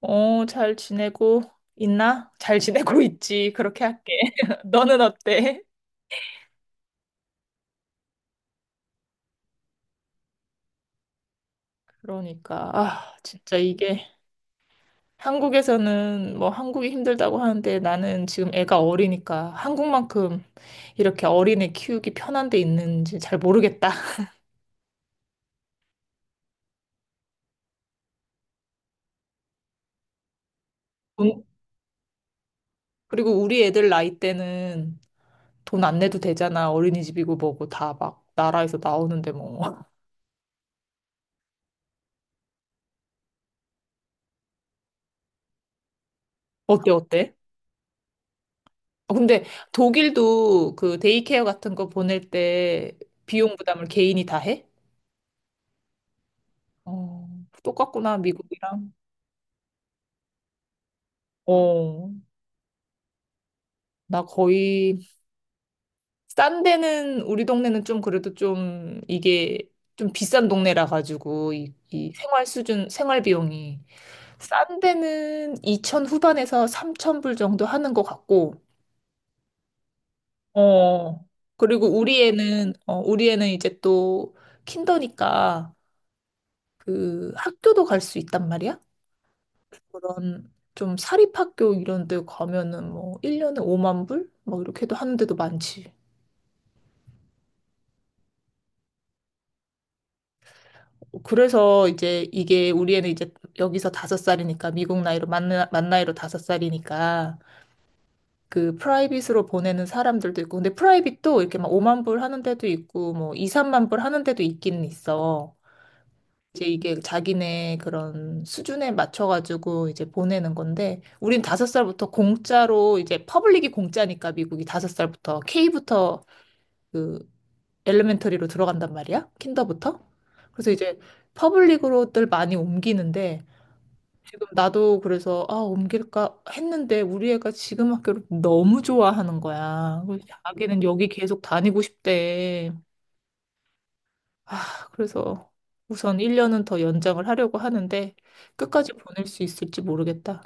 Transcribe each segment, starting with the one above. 어, 잘 지내고 있나? 잘 지내고 있지. 그렇게 할게. 너는 어때? 그러니까, 아, 진짜 이게 한국에서는 뭐 한국이 힘들다고 하는데 나는 지금 애가 어리니까 한국만큼 이렇게 어린애 키우기 편한 데 있는지 잘 모르겠다. 돈- 그리고 우리 애들 나이 때는 돈 안 내도 되잖아. 어린이집이고 뭐고 다 막 나라에서 나오는데 뭐. 어때, 어때? 어, 근데 독일도 그 데이케어 같은 거 보낼 때 비용 부담을 개인이 다 해? 어, 똑같구나, 미국이랑. 어, 나 거의, 싼 데는, 우리 동네는 좀 그래도 좀 이게 좀 비싼 동네라 가지고 이 생활 수준, 생활 비용이. 싼 데는 2천 후반에서 3천 불 정도 하는 것 같고, 어, 그리고 우리 애는 이제 또 킨더니까 그 학교도 갈 수 있단 말이야. 그런 좀 사립학교 이런 데 가면은 뭐 1년에 5만 불? 뭐 이렇게도 하는 데도 많지. 그래서 이제 이게 우리 애는 이제 여기서 다섯 살이니까 미국 나이로 만, 만 나이로 다섯 살이니까 그 프라이빗으로 보내는 사람들도 있고 근데 프라이빗도 이렇게 막 5만 불 하는 데도 있고 뭐 2, 3만 불 하는 데도 있기는 있어. 이제 이게 자기네 그런 수준에 맞춰가지고 이제 보내는 건데, 우린 다섯 살부터 공짜로, 이제 퍼블릭이 공짜니까 미국이 다섯 살부터 K부터 그 엘레멘터리로 들어간단 말이야? 킨더부터? 그래서 이제 퍼블릭으로들 많이 옮기는데, 지금 나도 그래서, 아, 옮길까 했는데, 우리 애가 지금 학교를 너무 좋아하는 거야. 그래서 자기는 여기 계속 다니고 싶대. 아, 그래서 우선 1년은 더 연장을 하려고 하는데 끝까지 보낼 수 있을지 모르겠다.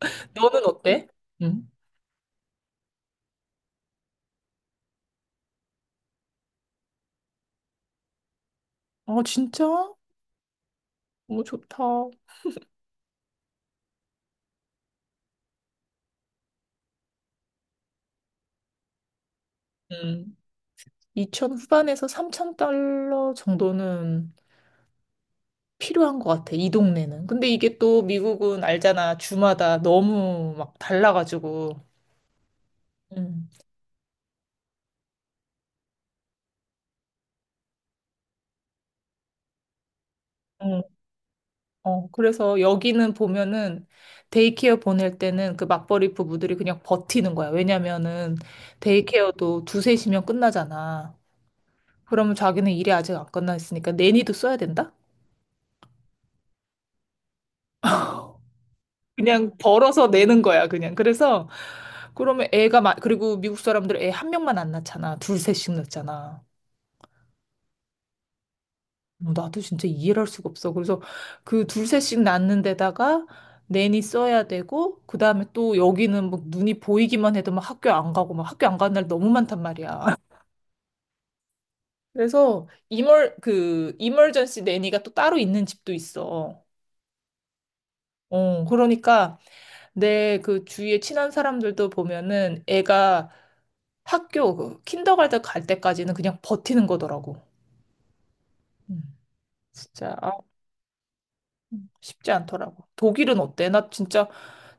너는 어때? 응. 아, 진짜? 너무 좋다. 음. 이천 후반에서 3천 달러 정도는 필요한 것 같아, 이 동네는. 근데 이게 또 미국은 알잖아. 주마다 너무 막 달라가지고. 음. 어, 어, 그래서 여기는 보면은 데이케어 보낼 때는 그 맞벌이 부부들이 그냥 버티는 거야. 왜냐면은 데이케어도 두세 시면 끝나잖아. 그러면 자기는 일이 아직 안 끝났으니까 내니도 써야 된다? 그냥 벌어서 내는 거야, 그냥. 그래서 그러면 애가 그리고 미국 사람들 애 한 명만 안 낳잖아. 둘, 셋씩 낳잖아. 어, 나도 진짜 이해를 할 수가 없어. 그래서 그 둘셋씩 낳는 데다가 내니 써야 되고, 그 다음에 또 여기는 뭐 눈이 보이기만 해도 막 학교 안 가고, 막 학교 안 가는 날 너무 많단 말이야. 그래서 이멀전시 내니가 또 따로 있는 집도 있어. 어, 그러니까 내 그 주위에 친한 사람들도 보면은 애가 학교, 그, 킨더가든 갈 때까지는 그냥 버티는 거더라고. 음, 진짜. 아, 쉽지 않더라고. 독일은 어때? 나 진짜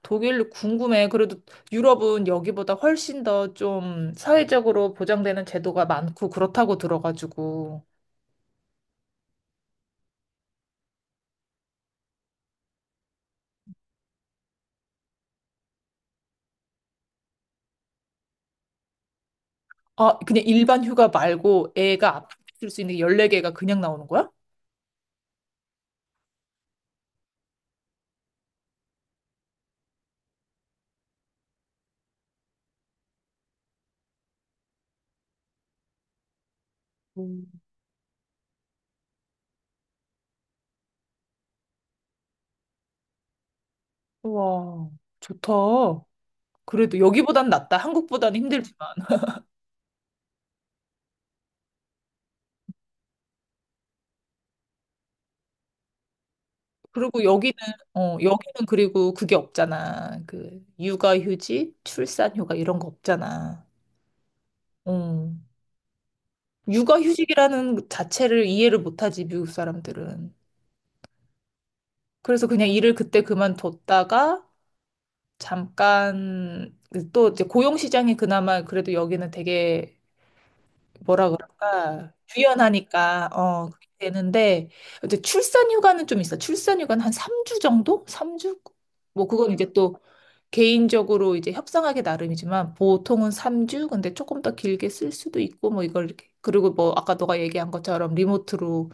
독일 궁금해. 그래도 유럽은 여기보다 훨씬 더 좀 사회적으로 보장되는 제도가 많고 그렇다고 들어가지고. 아, 그냥 일반 휴가 말고 애가 아플 수 있는 게 14개가 그냥 나오는 거야? 음. 우와, 좋다. 그래도 여기보단 낫다. 한국보다는 힘들지만. 그리고 여기는, 어, 여기는 그리고 그게 없잖아. 그, 육아휴직, 출산휴가 이런 거 없잖아. 어. 육아휴직이라는 자체를 이해를 못하지, 미국 사람들은. 그래서 그냥 일을 그때 그만뒀다가 잠깐 그또 이제 고용시장이 그나마 그래도 여기는 되게 뭐라 그럴까 유연하니까 어 그렇게 되는데 이제 출산휴가는 좀 있어. 출산휴가는 한 3주 정도? 3주? 뭐 그건 이제 또 개인적으로 이제 협상하기 나름이지만 보통은 3주 근데 조금 더 길게 쓸 수도 있고 뭐 이걸 이렇게 그리고 뭐 아까 너가 얘기한 것처럼 리모트로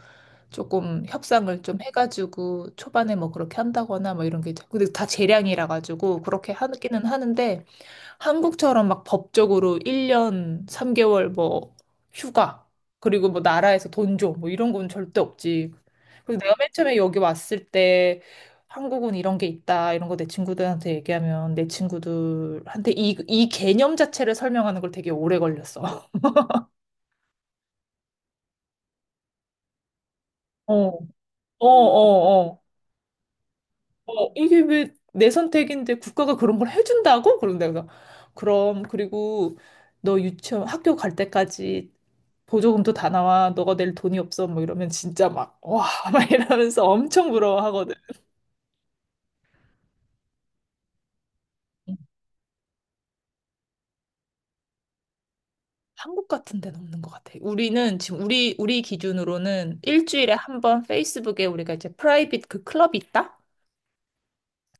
조금 협상을 좀 해가지고 초반에 뭐 그렇게 한다거나 뭐 이런 게 있죠. 근데 다 재량이라 가지고 그렇게 하기는 하는데 한국처럼 막 법적으로 1년 3개월 뭐 휴가 그리고 뭐 나라에서 돈 줘 뭐 이런 건 절대 없지. 그래서 내가 맨 처음에 여기 왔을 때 한국은 이런 게 있다 이런 거 내 친구들한테 얘기하면 내 친구들한테 이 개념 자체를 설명하는 걸 되게 오래 걸렸어. 어, 어, 어, 어, 이게 왜 내 선택인데 국가가 그런 걸 해준다고? 그런 내가 그럼 그리고 너 유치원 학교 갈 때까지 보조금도 다 나와. 너가 낼 돈이 없어. 뭐 이러면 진짜 막 와, 막 이러면서 엄청 부러워하거든. 한국 같은 데는 없는 것 같아. 우리는 지금 우리 기준으로는 일주일에 한 번 페이스북에 우리가 이제 프라이빗 그 클럽이 있다?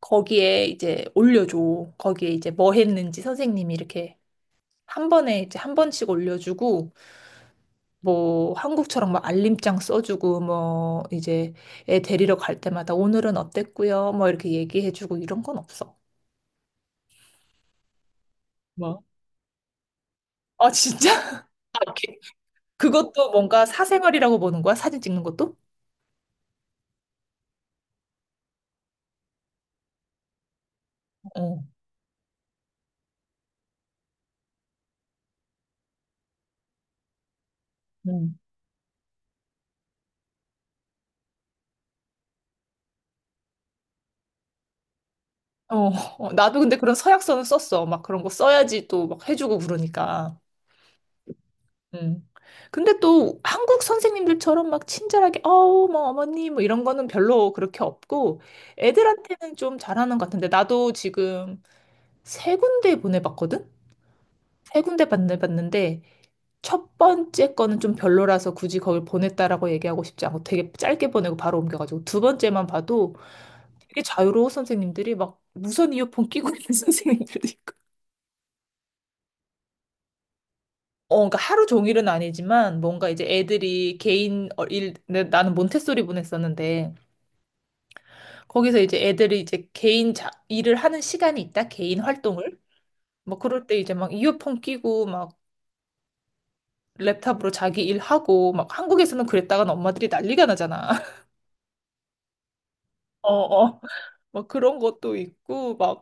거기에 이제 올려줘. 거기에 이제 뭐 했는지 선생님이 이렇게 한 번에 이제 한 번씩 올려주고 뭐 한국처럼 막 알림장 써주고 뭐 이제 애 데리러 갈 때마다 오늘은 어땠고요 뭐 이렇게 얘기해주고 이런 건 없어. 뭐. 아 진짜? 아, 그것도 뭔가 사생활이라고 보는 거야? 사진 찍는 것도? 어. 음. 어, 어, 나도 근데 그런 서약서는 썼어. 막 그런 거 써야지 또 막 해주고 그러니까. 음. 근데 또 한국 선생님들처럼 막 친절하게, 어우, 뭐, 어머니, 뭐 이런 거는 별로 그렇게 없고, 애들한테는 좀 잘하는 것 같은데, 나도 지금 세 군데 보내봤거든? 세 군데 보내봤는데 첫 번째 거는 좀 별로라서 굳이 거길 보냈다라고 얘기하고 싶지 않고 되게 짧게 보내고 바로 옮겨가지고 두 번째만 봐도 되게 자유로운 선생님들이 막 무선 이어폰 끼고 있는 선생님들도 있고 어, 그러니까 하루 종일은 아니지만 뭔가 이제 애들이 개인 어, 나는 몬테소리 보냈었는데 거기서 이제 애들이 이제 개인 일을 하는 시간이 있다 개인 활동을 뭐 그럴 때 이제 막 이어폰 끼고 막 랩탑으로 자기 일하고, 막 한국에서는 그랬다간 엄마들이 난리가 나잖아. 어, 어. 막 그런 것도 있고, 막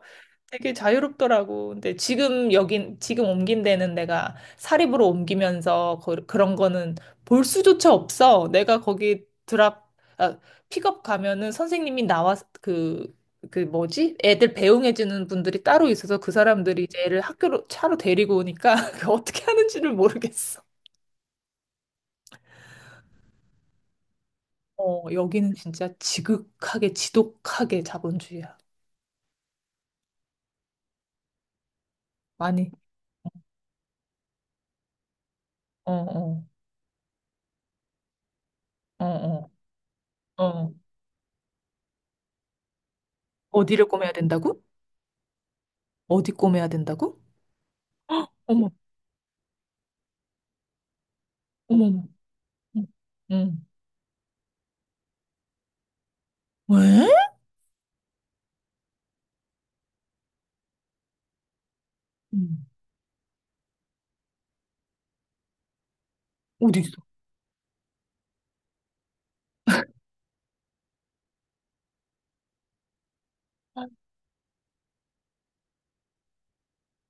되게 자유롭더라고. 근데 지금 여긴, 지금 옮긴 데는 내가 사립으로 옮기면서 그, 그런 거는 볼 수조차 없어. 내가 거기 아, 픽업 가면은 선생님이 나와, 그, 그 뭐지? 애들 배웅해주는 분들이 따로 있어서 그 사람들이 이제 애를 학교로 차로 데리고 오니까 그 어떻게 하는지를 모르겠어. 어, 여기는 진짜 지극하게, 지독하게 자본주의야. 많이. 어, 어, 어, 어, 어. 어디를 꼬매야 된다고? 어디 꼬매야 된다고? 어머, 어머, 어머. 응. 응. 왜? 응. 어디 있어?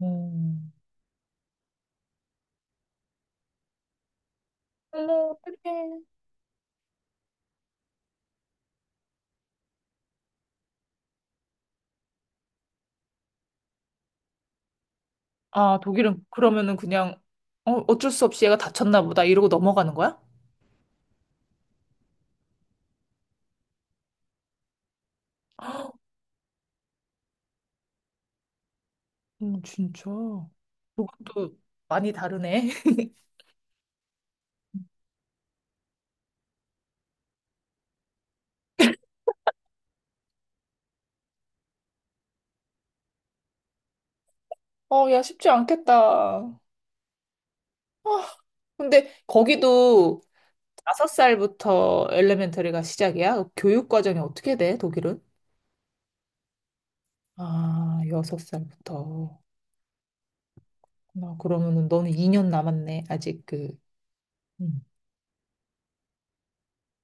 음. 어머, 어떡해. 아, 독일은 그러면은 그냥 어, 어쩔 수 없이 얘가 다쳤나 보다 이러고 넘어가는 거야? 진짜. 그것도 많이 다르네. 어, 야, 쉽지 않겠다. 아, 근데 거기도 다섯 살부터 엘레멘터리가 시작이야? 교육 과정이 어떻게 돼, 독일은? 아, 여섯 살부터. 나 그러면은 너는 2년 남았네, 아직 그. 음.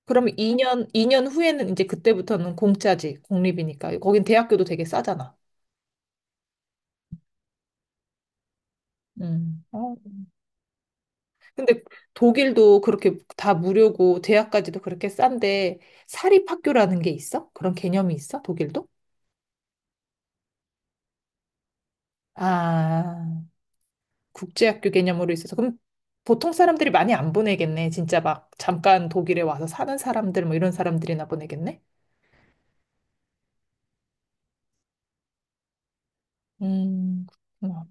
그럼 이년 2년 후에는 이제 그때부터는 공짜지, 공립이니까. 거긴 대학교도 되게 싸잖아. 음. 어. 근데 독일도 그렇게 다 무료고 대학까지도 그렇게 싼데 사립학교라는 게 있어? 그런 개념이 있어? 독일도? 아. 국제학교 개념으로 있어서 그럼 보통 사람들이 많이 안 보내겠네. 진짜 막 잠깐 독일에 와서 사는 사람들 뭐 이런 사람들이나 보내겠네. 음, 그렇구나.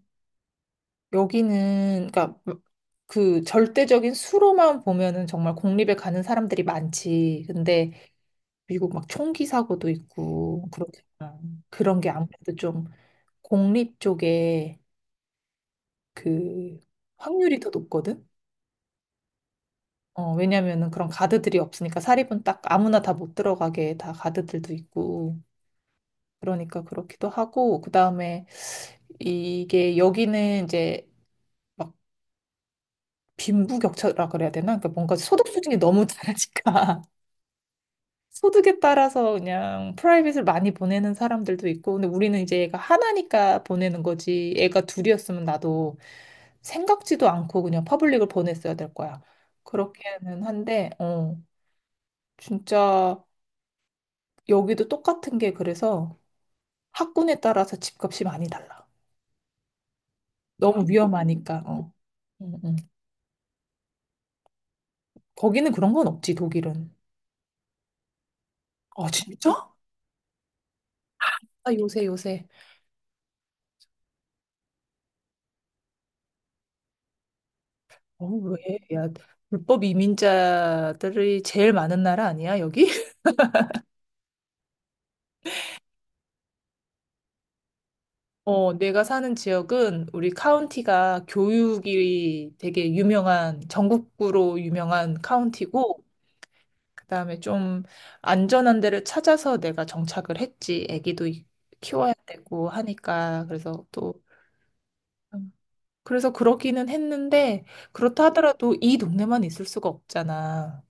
여기는 그러니까 그 절대적인 수로만 보면은 정말 공립에 가는 사람들이 많지. 근데 미국 막 총기 사고도 있고 그렇잖아. 그런 게 아무래도 좀 공립 쪽에 그 확률이 더 높거든. 어, 왜냐면은 그런 가드들이 없으니까 사립은 딱 아무나 다 못 들어가게 다 가드들도 있고 그러니까 그렇기도 하고 그다음에 이게 여기는 이제 막 빈부격차라 그래야 되나? 그러니까 뭔가 소득 수준이 너무 다르니까 소득에 따라서 그냥 프라이빗을 많이 보내는 사람들도 있고 근데 우리는 이제 애가 하나니까 보내는 거지 애가 둘이었으면 나도 생각지도 않고 그냥 퍼블릭을 보냈어야 될 거야. 그렇게는 한데 어 진짜 여기도 똑같은 게 그래서 학군에 따라서 집값이 많이 달라. 너무 위험하니까. 어. 응, 응. 거기는 그런 건 없지, 독일은. 아, 진짜? 아, 요새 요새. 어, 왜? 야, 불법 이민자들이 제일 많은 나라 아니야, 여기? 어, 내가 사는 지역은 우리 카운티가 교육이 되게 유명한, 전국구로 유명한 카운티고, 그다음에 좀 안전한 데를 찾아서 내가 정착을 했지. 아기도 키워야 되고 하니까 그래서 또 음, 그래서 그러기는 했는데 그렇다 하더라도 이 동네만 있을 수가 없잖아.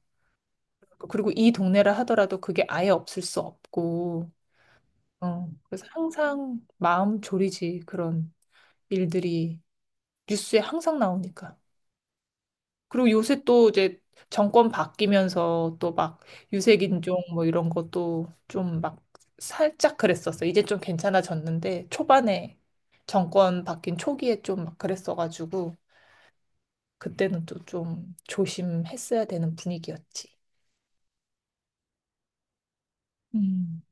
그리고 이 동네라 하더라도 그게 아예 없을 수 없고. 어, 그래서 항상 마음 졸이지 그런 일들이 뉴스에 항상 나오니까. 그리고 요새 또 이제 정권 바뀌면서 또 막 유색 인종 뭐 이런 것도 좀 막 살짝 그랬었어. 이제 좀 괜찮아졌는데 초반에 정권 바뀐 초기에 좀 막 그랬어가지고 그때는 또 좀 조심했어야 되는 분위기였지. 음.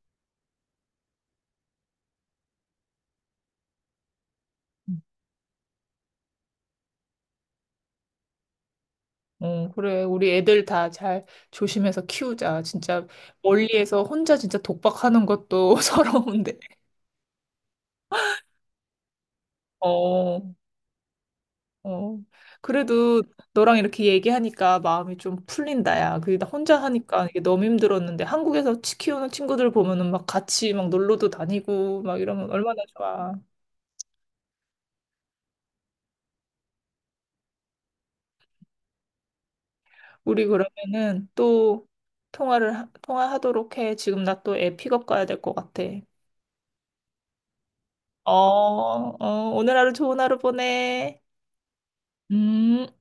음. 어, 그래. 우리 애들 다 잘 조심해서 키우자. 진짜 멀리에서 혼자 진짜 독박하는 것도 서러운데. 어, 어, 그래도 너랑 이렇게 얘기하니까 마음이 좀 풀린다, 야. 그게 나 혼자 하니까 이게 너무 힘들었는데 한국에서 치 키우는 친구들 보면은 막 같이 막 놀러도 다니고 막 이러면 얼마나 좋아. 우리 그러면은 또 통화를, 통화하도록 해. 지금 나 또 애 픽업 가야 될 것 같아. 어, 어, 오늘 하루 좋은 하루 보내. 음.